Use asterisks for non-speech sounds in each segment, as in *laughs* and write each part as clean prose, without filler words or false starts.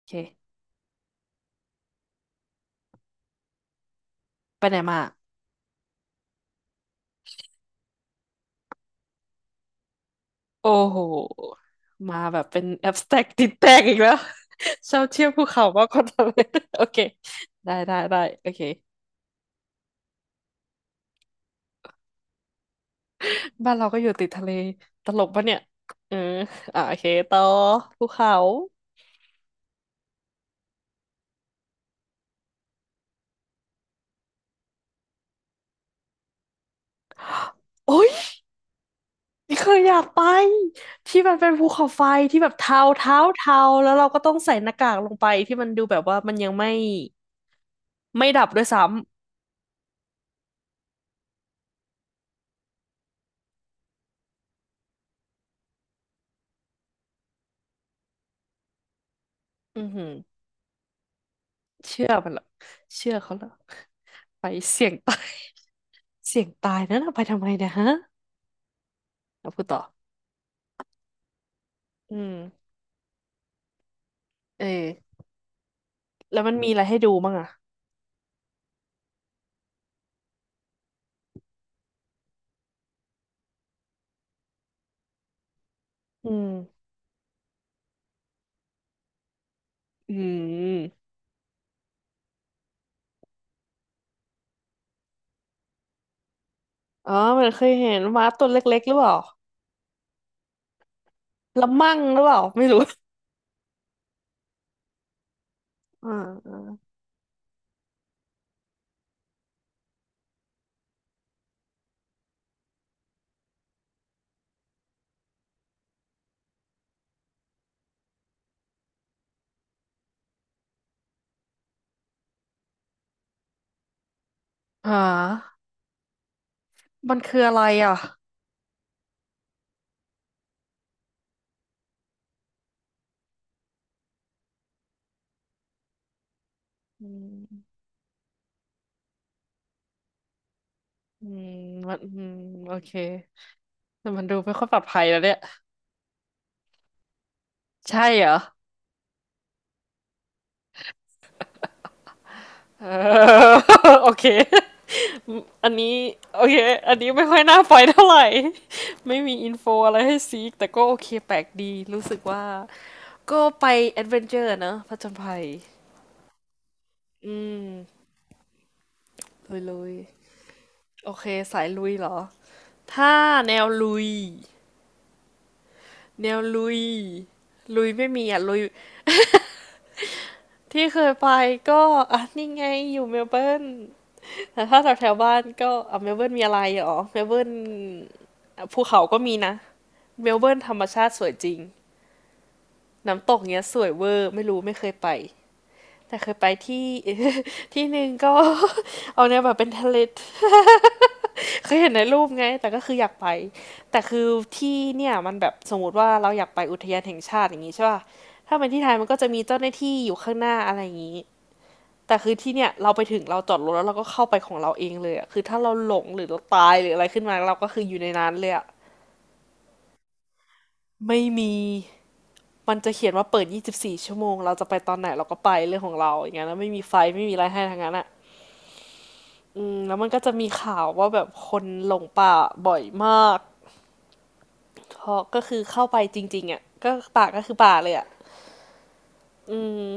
โอเคไปไหนมาโอ้โหมาแบบเป็นแอบสแต็กติดแตกอีกแล้ว *laughs* ชอบเที่ยวภูเขามากกว่าทะเล *laughs* โอเคได้โอเคบ้านเราก็อยู่ติดทะเลตลกปะเนี่ยเอออ่ะโอเคต่อภูเขาโอ้ยนี่เคยอยากไปที่มันเป็นภูเขาไฟที่แบบเทาแล้วเราก็ต้องใส่หน้ากากลงไปที่มันดูแบบว่ามันยังไม่ไม่ดับด้วยซ้ำอือหือเชื่อมันเหรอเชื่อเขาเหรอไปเสี่ยงตาย เสี่ยงตายนั่นเอาไปทำไมเนี่ยฮะเอาพูดต่ออืมเออแล้วมันมีอะไรให้ดูบ้างอ่ะอืมอืมอ๋อมันเคยเห็นม้าตัวเล็กๆหรือเปล่าละมั่งหรือเปล่าไม่รู้อ่าอ่าหามันคืออะไรอ่ะอืมอืมมันอืมโอเคแต่มันดูไม่ค่อยปลอดภัยแล้วเนี่ย ใช่เหรอ *laughs* เออ *laughs* โอเคอันนี้โอเค อันนี้ไม่ค่อยน่าไปเท่าไหร่ *laughs* ไม่มีอินโฟอะไรให้ซีกแต่ก็โอเคแปลกดี รู้สึกว่าก็ไปแอดเวนเจอร์นะผจญภัยอืมลุยลุยโอเคสายลุยเหรอ ถ้าแนวลุยแนวลุยลุยไม่มีอ่ะลุยที่เคยไปก็อ่ะนี่ไงอยู่เมลเบิร์นแต่ถ้าแถวแถวบ้านก็อ่ะเมลเบิร์นมีอะไรเหรอเมลเบิร์นอ่ะภูเขาก็มีนะ เมลเบิร์นธรรมชาติสวยจริง น้ำตกเนี้ยสวยเวอร์ไม่รู้ไม่เคยไป แต่เคยไปที่ *laughs* ที่หนึ่งก็ *laughs* เอาเนียแบบเป็นทะเลเคยเห็นในรูปไงแต่ก็คืออยากไปแต่คือที่เนี่ยมันแบบสมมติว่าเราอยากไปอุทยานแห่งชาติอย่างงี้ใช่ป่ะถ้าเป็นที่ไทยมันก็จะมีเจ้าหน้าที่อยู่ข้างหน้าอะไรอย่างงี้แต่คือที่เนี่ยเราไปถึงเราจอดรถแล้วเราก็เข้าไปของเราเองเลยอะคือถ้าเราหลงหรือเราตายหรืออะไรขึ้นมาเราก็คืออยู่ในนั้นเลยอะไม่มี มันจะเขียนว่าเปิด24 ชั่วโมง เราจะไปตอนไหนเราก็ไปเรื่องของเราอย่างเงี้ยแล้วไม่มีไฟไม่มีอะไรให้ทางนั้นอ่ะอืมแล้วมันก็จะมีข่าวว่าแบบคนหลงป่าบ่อยมาก เพราะก็คือเข้าไปจริงๆอ่ะก็ป่าก็คือป่าเลยอ่ะ อืม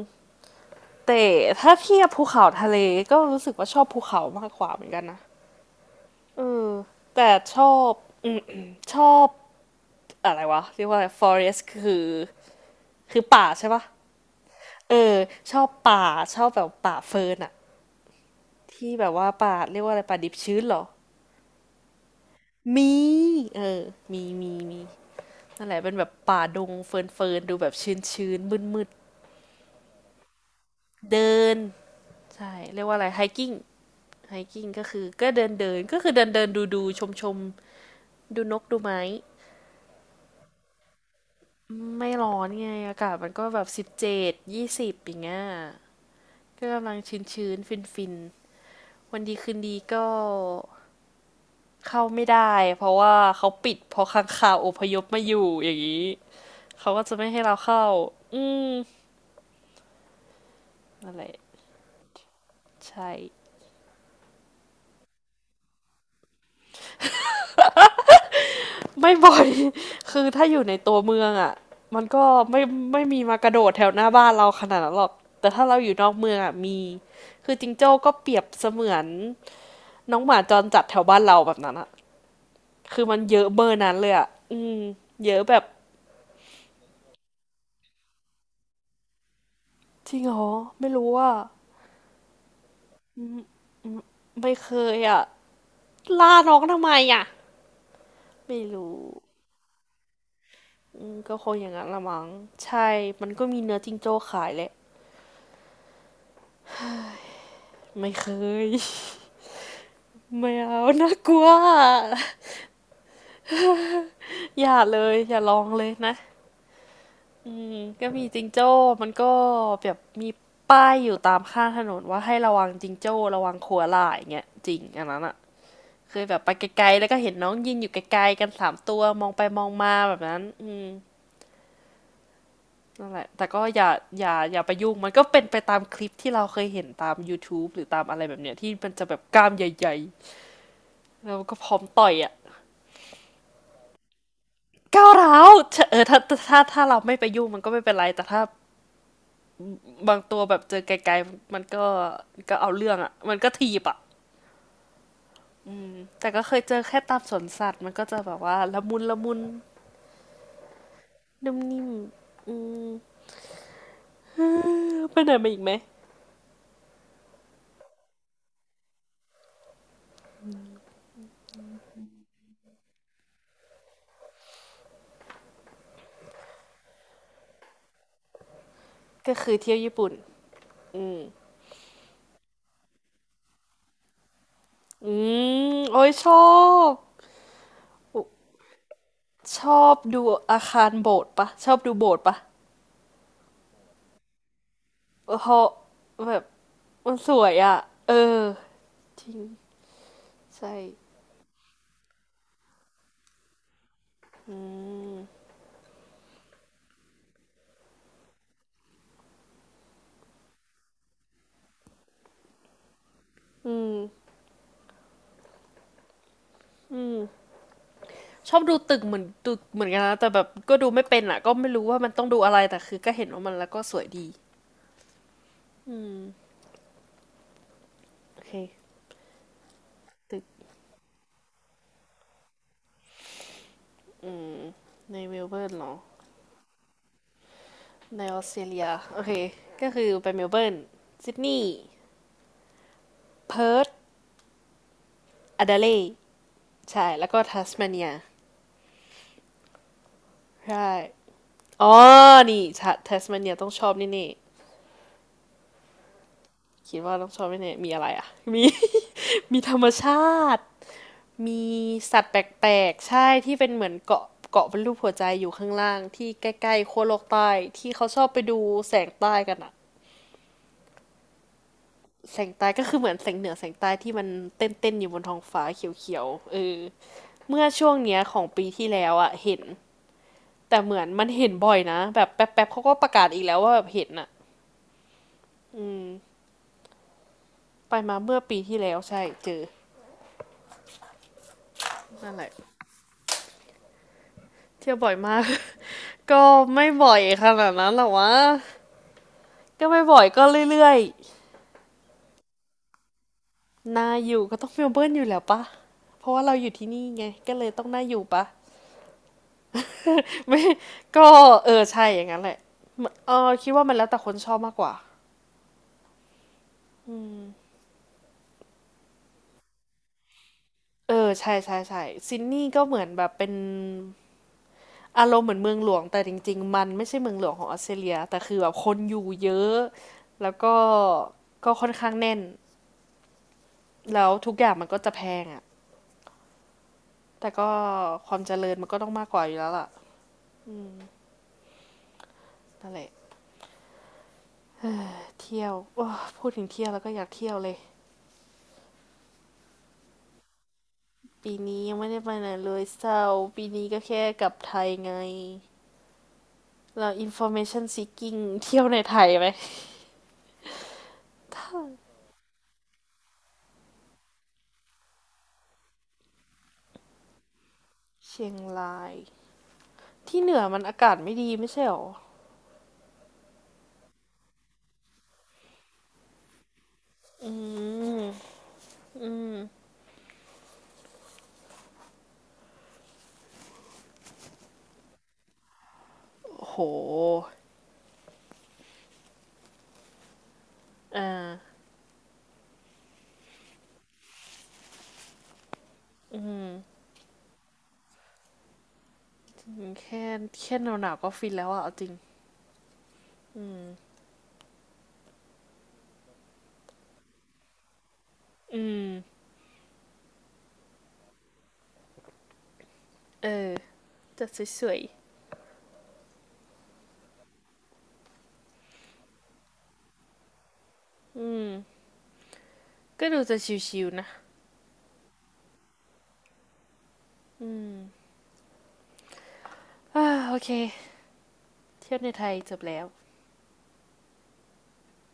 แต่ถ้าเทียบภูเขาทะเลก็รู้สึกว่าชอบภูเขามากกว่าเหมือนกันนะเออแต่ชอบ *coughs* อืมชอบอะไรวะเรียกว่าอะไร forest คือคือป่าใช่ปะเออชอบป่าชอบแบบป่าเฟิร์นอะ ที่แบบว่าป่าเรียกว่าอะไรป่าดิบชื้นเหรอ มีเออมีนั่นแหละเป็นแบบป่าดงเฟิร์นเฟิร์นดูแบบชื้นชื้นมืดมืดๆเดินใช่เรียกว่าอะไรไฮกิ้งไฮกิ้งก็คือก็เดินเดินก็คือเดินเดินดูดูชมชมๆดูนกดูไม้ไม่ร้อนไงอากาศมันก็แบบ17-20อย่างเงี้ยก็กำลังชื้นชื้นฟินฟินๆวันดีคืนดีก็เข้าไม่ได้เพราะว่าเขาปิดเพอค้างคาวอพยพมาอยู่อย่างนี้ เขาก็จะไม่ให้เราเข้า อืมอะไรใช่ไม่บ่อย *laughs* คือถ้าอยู่ในตัวเมืองอ่ะมันก็ไม่มีมากระโดดแถวหน้าบ้านเราขนาดนั้นหรอกแต่ถ้าเราอยู่นอกเมืองอ่ะมีคือจิงโจ้ก็เปรียบเสมือนน้องหมาจรจัดแถวบ้านเราแบบนั้นอ่ะคือมันเยอะเบอร์นั้นเลยอ่ะอืมเยอะแบบ จริงเหรอไม่รู้อ่ะอืมไม่เคยอ่ะล่าน้องทำไมอ่ะไม่รู้อืมก็คงอย่างนั้นละมั้งใช่มันก็มีเนื้อจิงโจ้ขายแหละ ไม่เคย *laughs* ไม่เอาน่ากลัว *laughs* อย่าเลยอย่าลองเลยนะอืมก็มีจิงโจ้มันก็แบบมีป้ายอยู่ตามข้างถนนว่าให้ระวังจิงโจ้ระวังขัวลายอย่างเงี้ยจริงอันนั้นอะเคยแบบไปไกลๆแล้วก็เห็นน้องยืนอยู่ไกลๆกันสามตัวมองไปมองมาแบบนั้นอืมนั่นแหละแต่ก็อย่าอย่าอย่าไปยุ่งมันก็เป็นไปตามคลิปที่เราเคยเห็นตาม YouTube หรือตามอะไรแบบเนี้ยที่มันจะแบบกล้ามใหญ่ๆแล้วก็พร้อมต่อยอะ ก้าวร้าวเออถ้าถ้าเราไม่ไปยุ่งมันก็ไม่เป็นไรแต่ถ้าบางตัวแบบเจอไกลๆมันก็ก็เอาเรื่องอ่ะมันก็ทีบอ่ะแต่ก็เคยเจอแค่ตามสวนสัตว์มันก็จะแบบว่าละมุนละมุนนุ่มนิ่มอืม *gasps* เออไปไหนมาอีกไหมก็คือเที่ยวญี่ปุ่นอืมอืมโอ้ยชอบชอบดูอาคารโบสถ์ปะชอบดูโบสถ์ปะเพราะแบบมันสวยอ่ะเออจริงใช่อืม ชอบดูตึกเหมือนดูเหมือนกันนะแต่แบบก็ดูไม่เป็นอ่ะก็ไม่รู้ว่ามันต้องดูอะไรแต่คือก็เห็นว่ามันแล้วก็สวยดีโอเคตึกในเมลเบิร์นเนาะในออสเตรเลียโอเคก็คือไปเมลเบิร์นซิดนีย์เพิร์ธแอดเลดใช่แล้วก็ทัสเมาเนียใช่อ๋อนี่ทัสเมาเนียต้องชอบแน่ๆคิดว่าต้องชอบแน่ๆมีอะไรอ่ะมี *laughs* มีธรรมชาติ มีสัตว์แปลกๆใช่ที่เป็นเหมือนเกาะเกาะเป็นรูปหัวใจอยู่ข้างล่างที่ใกล้ๆขั้วโลกใต้ที่เขาชอบไปดูแสงใต้กันอะแสงใต้ก็คือเหมือนแสงเหนือแสงใต้ที่มันเต้นๆอยู่บนท้องฟ้าเขียวๆเออเมื่อช่วงเนี้ยของปีที่แล้วอะเห็นแต่เหมือนมันเห็นบ่อยนะแบบแป๊บๆเขาก็ประกาศอีกแล้วว่าแบบเห็นอะอืมไปมาเมื่อปีที่แล้วใช่เจอนั่นแหละเที่ยวบ่อยมาก *laughs* ก็ไม่บ่อยขนาดนั้นหรอกวะก็ไม่บ่อยก็เรื่อยๆ น่าอยู่ก็ต้องเมลเบิร์นอยู่แล้วปะเพราะว่าเราอยู่ที่นี่ไงก็เลยต้องน่าอยู่ปะ *laughs* ไม่ก็เออใช่อย่างนั้นแหละเออคิดว่ามันแล้วแต่คนชอบมากกว่าเออใช่ใช่ใช่ซิดนีย์ก็เหมือนแบบเป็นอารมณ์เหมือนเมืองหลวงแต่จริงๆมันไม่ใช่เมืองหลวงของออสเตรเลียแต่คือแบบคนอยู่เยอะแล้วก็ค่อนข้างแน่นแล้วทุกอย่างมันก็จะแพงอะแต่ก็ความเจริญมันก็ต้องมากกว่าอยู่แล้วล่ะนั่นแหละเที่ยวพูดถึงเที่ยวแล้วก็อยากเที่ยวเลย ปีนี้ยังไม่ได้ไปไหนเลยเศร้าปีนี้ก็แค่กลับไทยไงเรา information seeking เที่ยวในไทยไหมถ้าเชียงรายที่เหนือมันอากาศไม่ดีไม่ใช่หรออืมโหอ่าอืมแค่แค่หนาวหนาวก็ฟินแล้วอะเอาจริงอืมเออจะสวยๆอืมก็ดูจะชิวๆนะ *sighs* อ่าโอเคเที่ยวในไทยจบแล้ว